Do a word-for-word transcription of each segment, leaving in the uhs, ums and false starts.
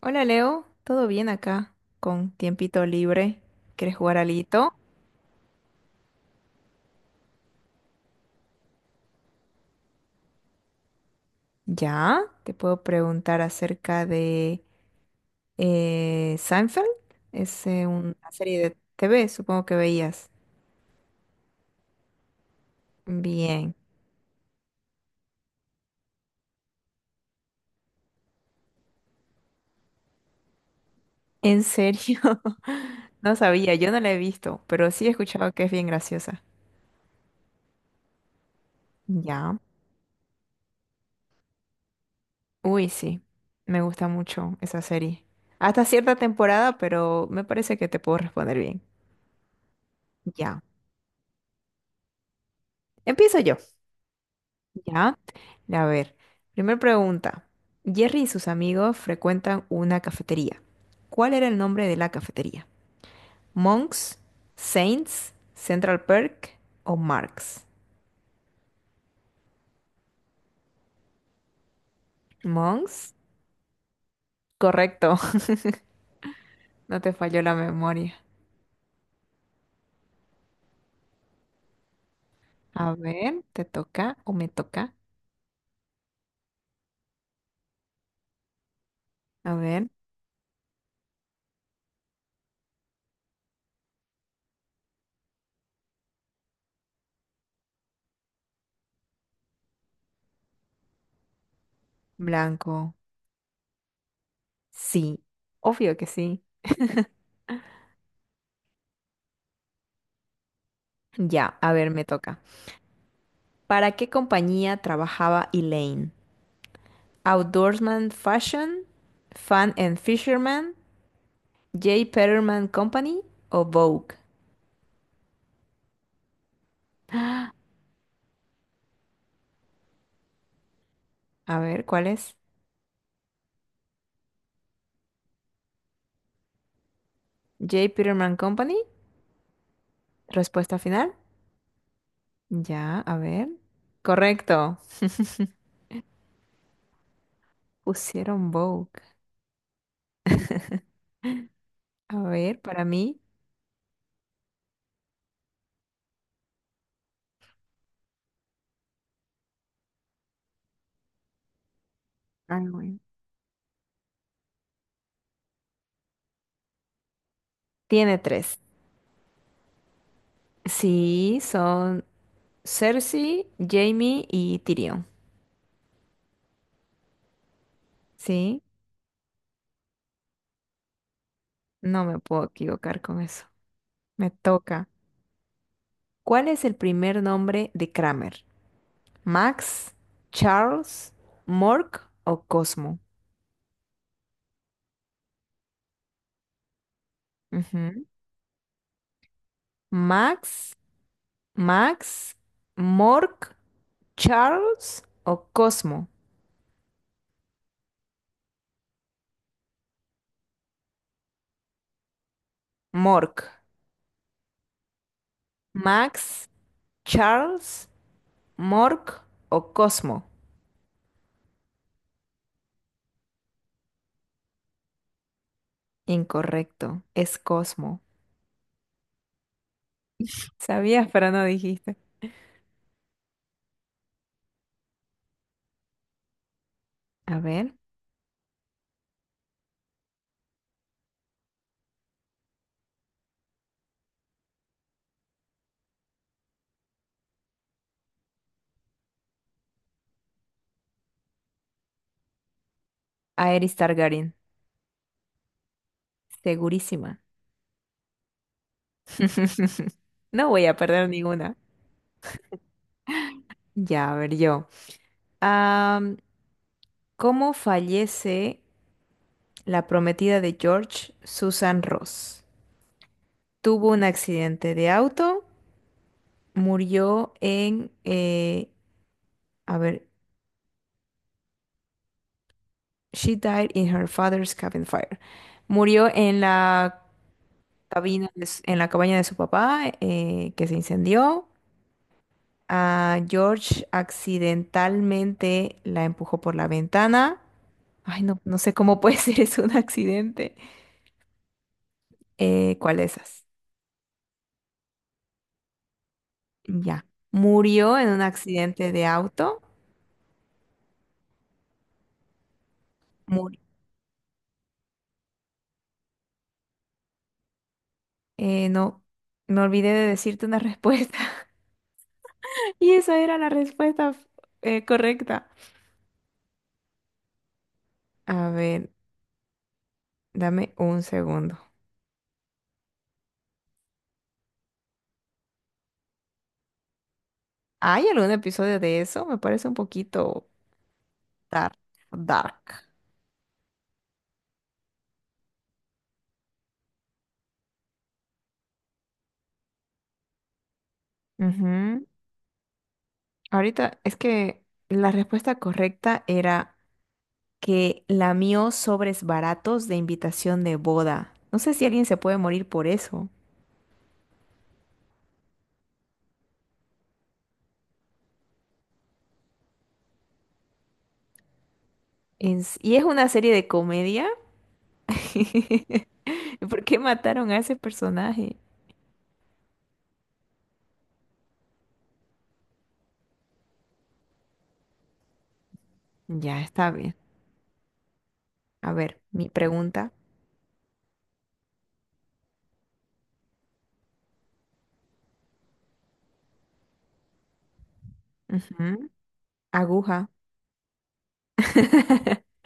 Hola Leo, ¿todo bien acá? Con tiempito libre, ¿quieres jugar alito? Ya, te puedo preguntar acerca de eh, Seinfeld. Es eh, una serie de T V, supongo que veías. Bien, ¿en serio? No sabía, yo no la he visto, pero sí he escuchado que es bien graciosa. Ya, uy, sí, me gusta mucho esa serie. Hasta cierta temporada, pero me parece que te puedo responder bien. Ya, empiezo yo. Ya, a ver, primera pregunta. Jerry y sus amigos frecuentan una cafetería. ¿Cuál era el nombre de la cafetería? ¿Monks, Saints, Central Perk o Marx? Monks, correcto, no te falló la memoria. A ver, ¿te toca o me toca? A ver, blanco. Sí, obvio que sí. Ya, a ver, me toca. ¿Para qué compañía trabajaba Elaine? ¿Outdoorsman Fashion? ¿Fan and Fisherman? J. Peterman Company o Vogue. A ver, ¿cuál es? J. Peterman Company. Respuesta final. Ya, a ver. Correcto. Pusieron Vogue. A ver, para mí. Ay, güey, tiene tres. Sí, son Cersei, Jamie y Tyrion. Sí, no me puedo equivocar con eso. Me toca. ¿Cuál es el primer nombre de Kramer? ¿Max, Charles, Mork o Cosmo? Ujú. Max. Max, Mork, Charles o Cosmo. Mork. Max, Charles, Mork o Cosmo. Incorrecto, es Cosmo. Sabías, pero no dijiste. A ver, Aerys Targaryen. Segurísima. No voy a perder ninguna. Ya, a ver yo. Am, ¿cómo fallece la prometida de George, Susan Ross? ¿Tuvo un accidente de auto? Murió en, eh, a ver, she died in her father's cabin fire. Murió en la cabina de s- en la cabaña de su papá, eh, que se incendió. A George accidentalmente la empujó por la ventana. Ay, no, no sé cómo puede ser eso un accidente. Eh, ¿cuál de esas? Ya. Murió en un accidente de auto. Murió. Eh, no, me olvidé de decirte una respuesta. Y esa era la respuesta eh, correcta. A ver, dame un segundo. ¿Hay algún episodio de eso? Me parece un poquito dark. Dark. Ujú. Ahorita es que la respuesta correcta era que lamió sobres baratos de invitación de boda. No sé si alguien se puede morir por eso. En s- y es una serie de comedia. ¿Por qué mataron a ese personaje? Ya, está bien. A ver, mi pregunta. Ujú. Aguja.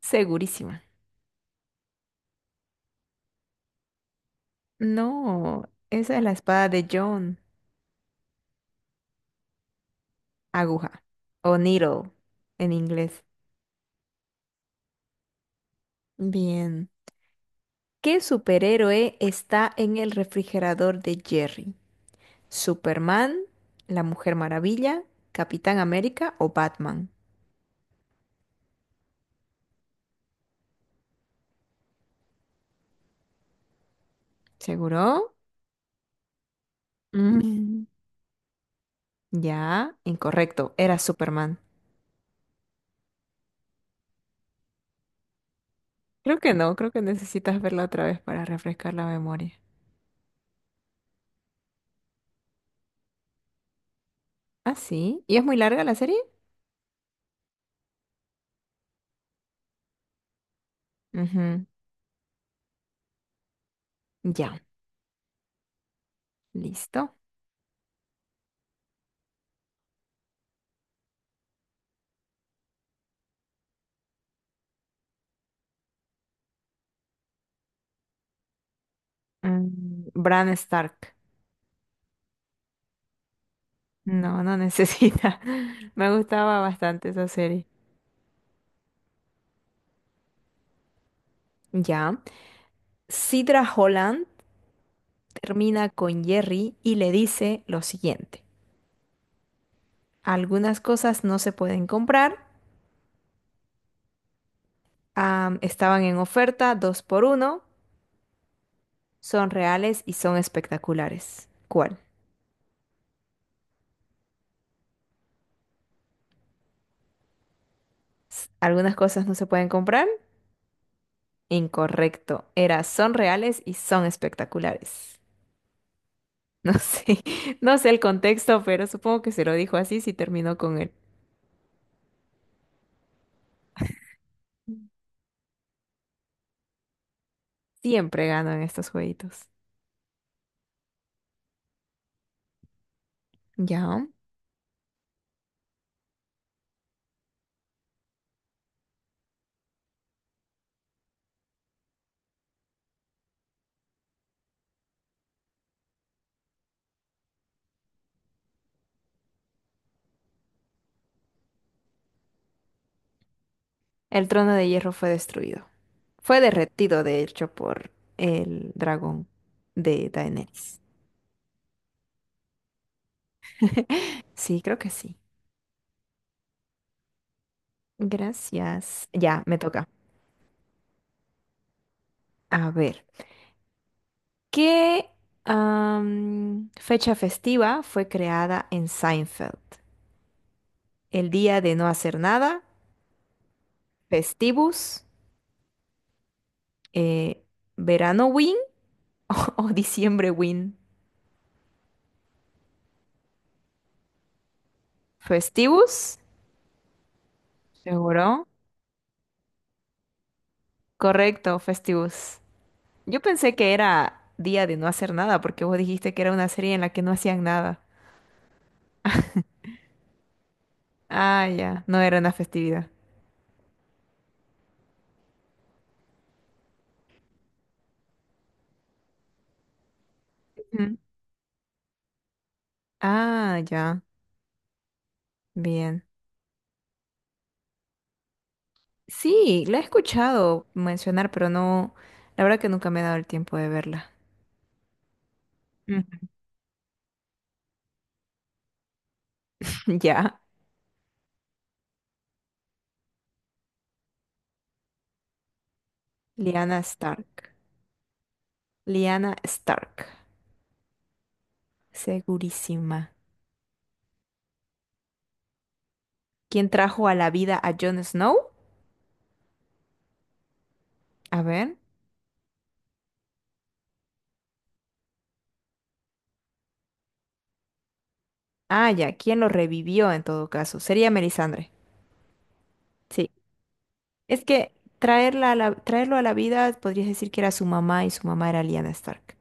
Segurísima. No, esa es la espada de John. Aguja. O needle en inglés. Bien. ¿Qué superhéroe está en el refrigerador de Jerry? ¿Superman, la Mujer Maravilla, Capitán América o Batman? ¿Seguro? Mm, Ya, incorrecto. Era Superman. Creo que no, creo que necesitas verla otra vez para refrescar la memoria. ¿Ah, sí? ¿Y es muy larga la serie? Ujú. Ya. Listo. Mm, Bran Stark. No, no necesita. Me gustaba bastante esa serie. Ya. Sidra Holland termina con Jerry y le dice lo siguiente. Algunas cosas no se pueden comprar. am, estaban en oferta, dos por uno. Son reales y son espectaculares. ¿Cuál? S- Algunas cosas no se pueden comprar. Incorrecto. Era son reales y son espectaculares. No sé, no sé el contexto, pero supongo que se lo dijo así si terminó con él. Siempre gano en estos jueguitos. Ya. El trono de hierro fue destruido. Fue derretido, de hecho, por el dragón de Daenerys. Sí, creo que sí. Gracias. Ya, me toca. A ver, ¿qué am, fecha festiva fue creada en Seinfeld? ¿El día de no hacer nada? ¿Festivus? Eh, ¿Verano o diciembre, Win. Festivus, seguro. Correcto, Festivus. Yo pensé que era día de no hacer nada, porque vos dijiste que era una serie en la que no hacían nada. Ah, ya, no era una festividad. Ujú. Ah, ya, bien. Sí, la he escuchado mencionar, pero no, la verdad que nunca me he dado el tiempo de verla. Ujú. Ya, Liana Stark. Liana Stark, segurísima. ¿Quién trajo a la vida a Jon Snow? A ver. Ah, ya, ¿quién lo revivió en todo caso? Sería Melisandre. Sí. Es que traerla a la- traerlo a la vida, podrías decir que era su mamá y su mamá era Lyanna Stark.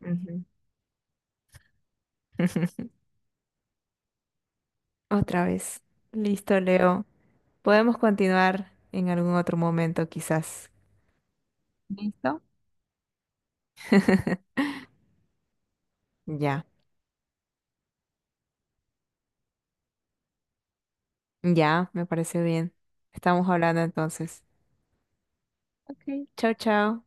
Ujú. Otra vez. Listo, Leo. Podemos continuar en algún otro momento, quizás. ¿Listo? Ya, ya, me parece bien. Estamos hablando entonces. Ok. Chao, chao.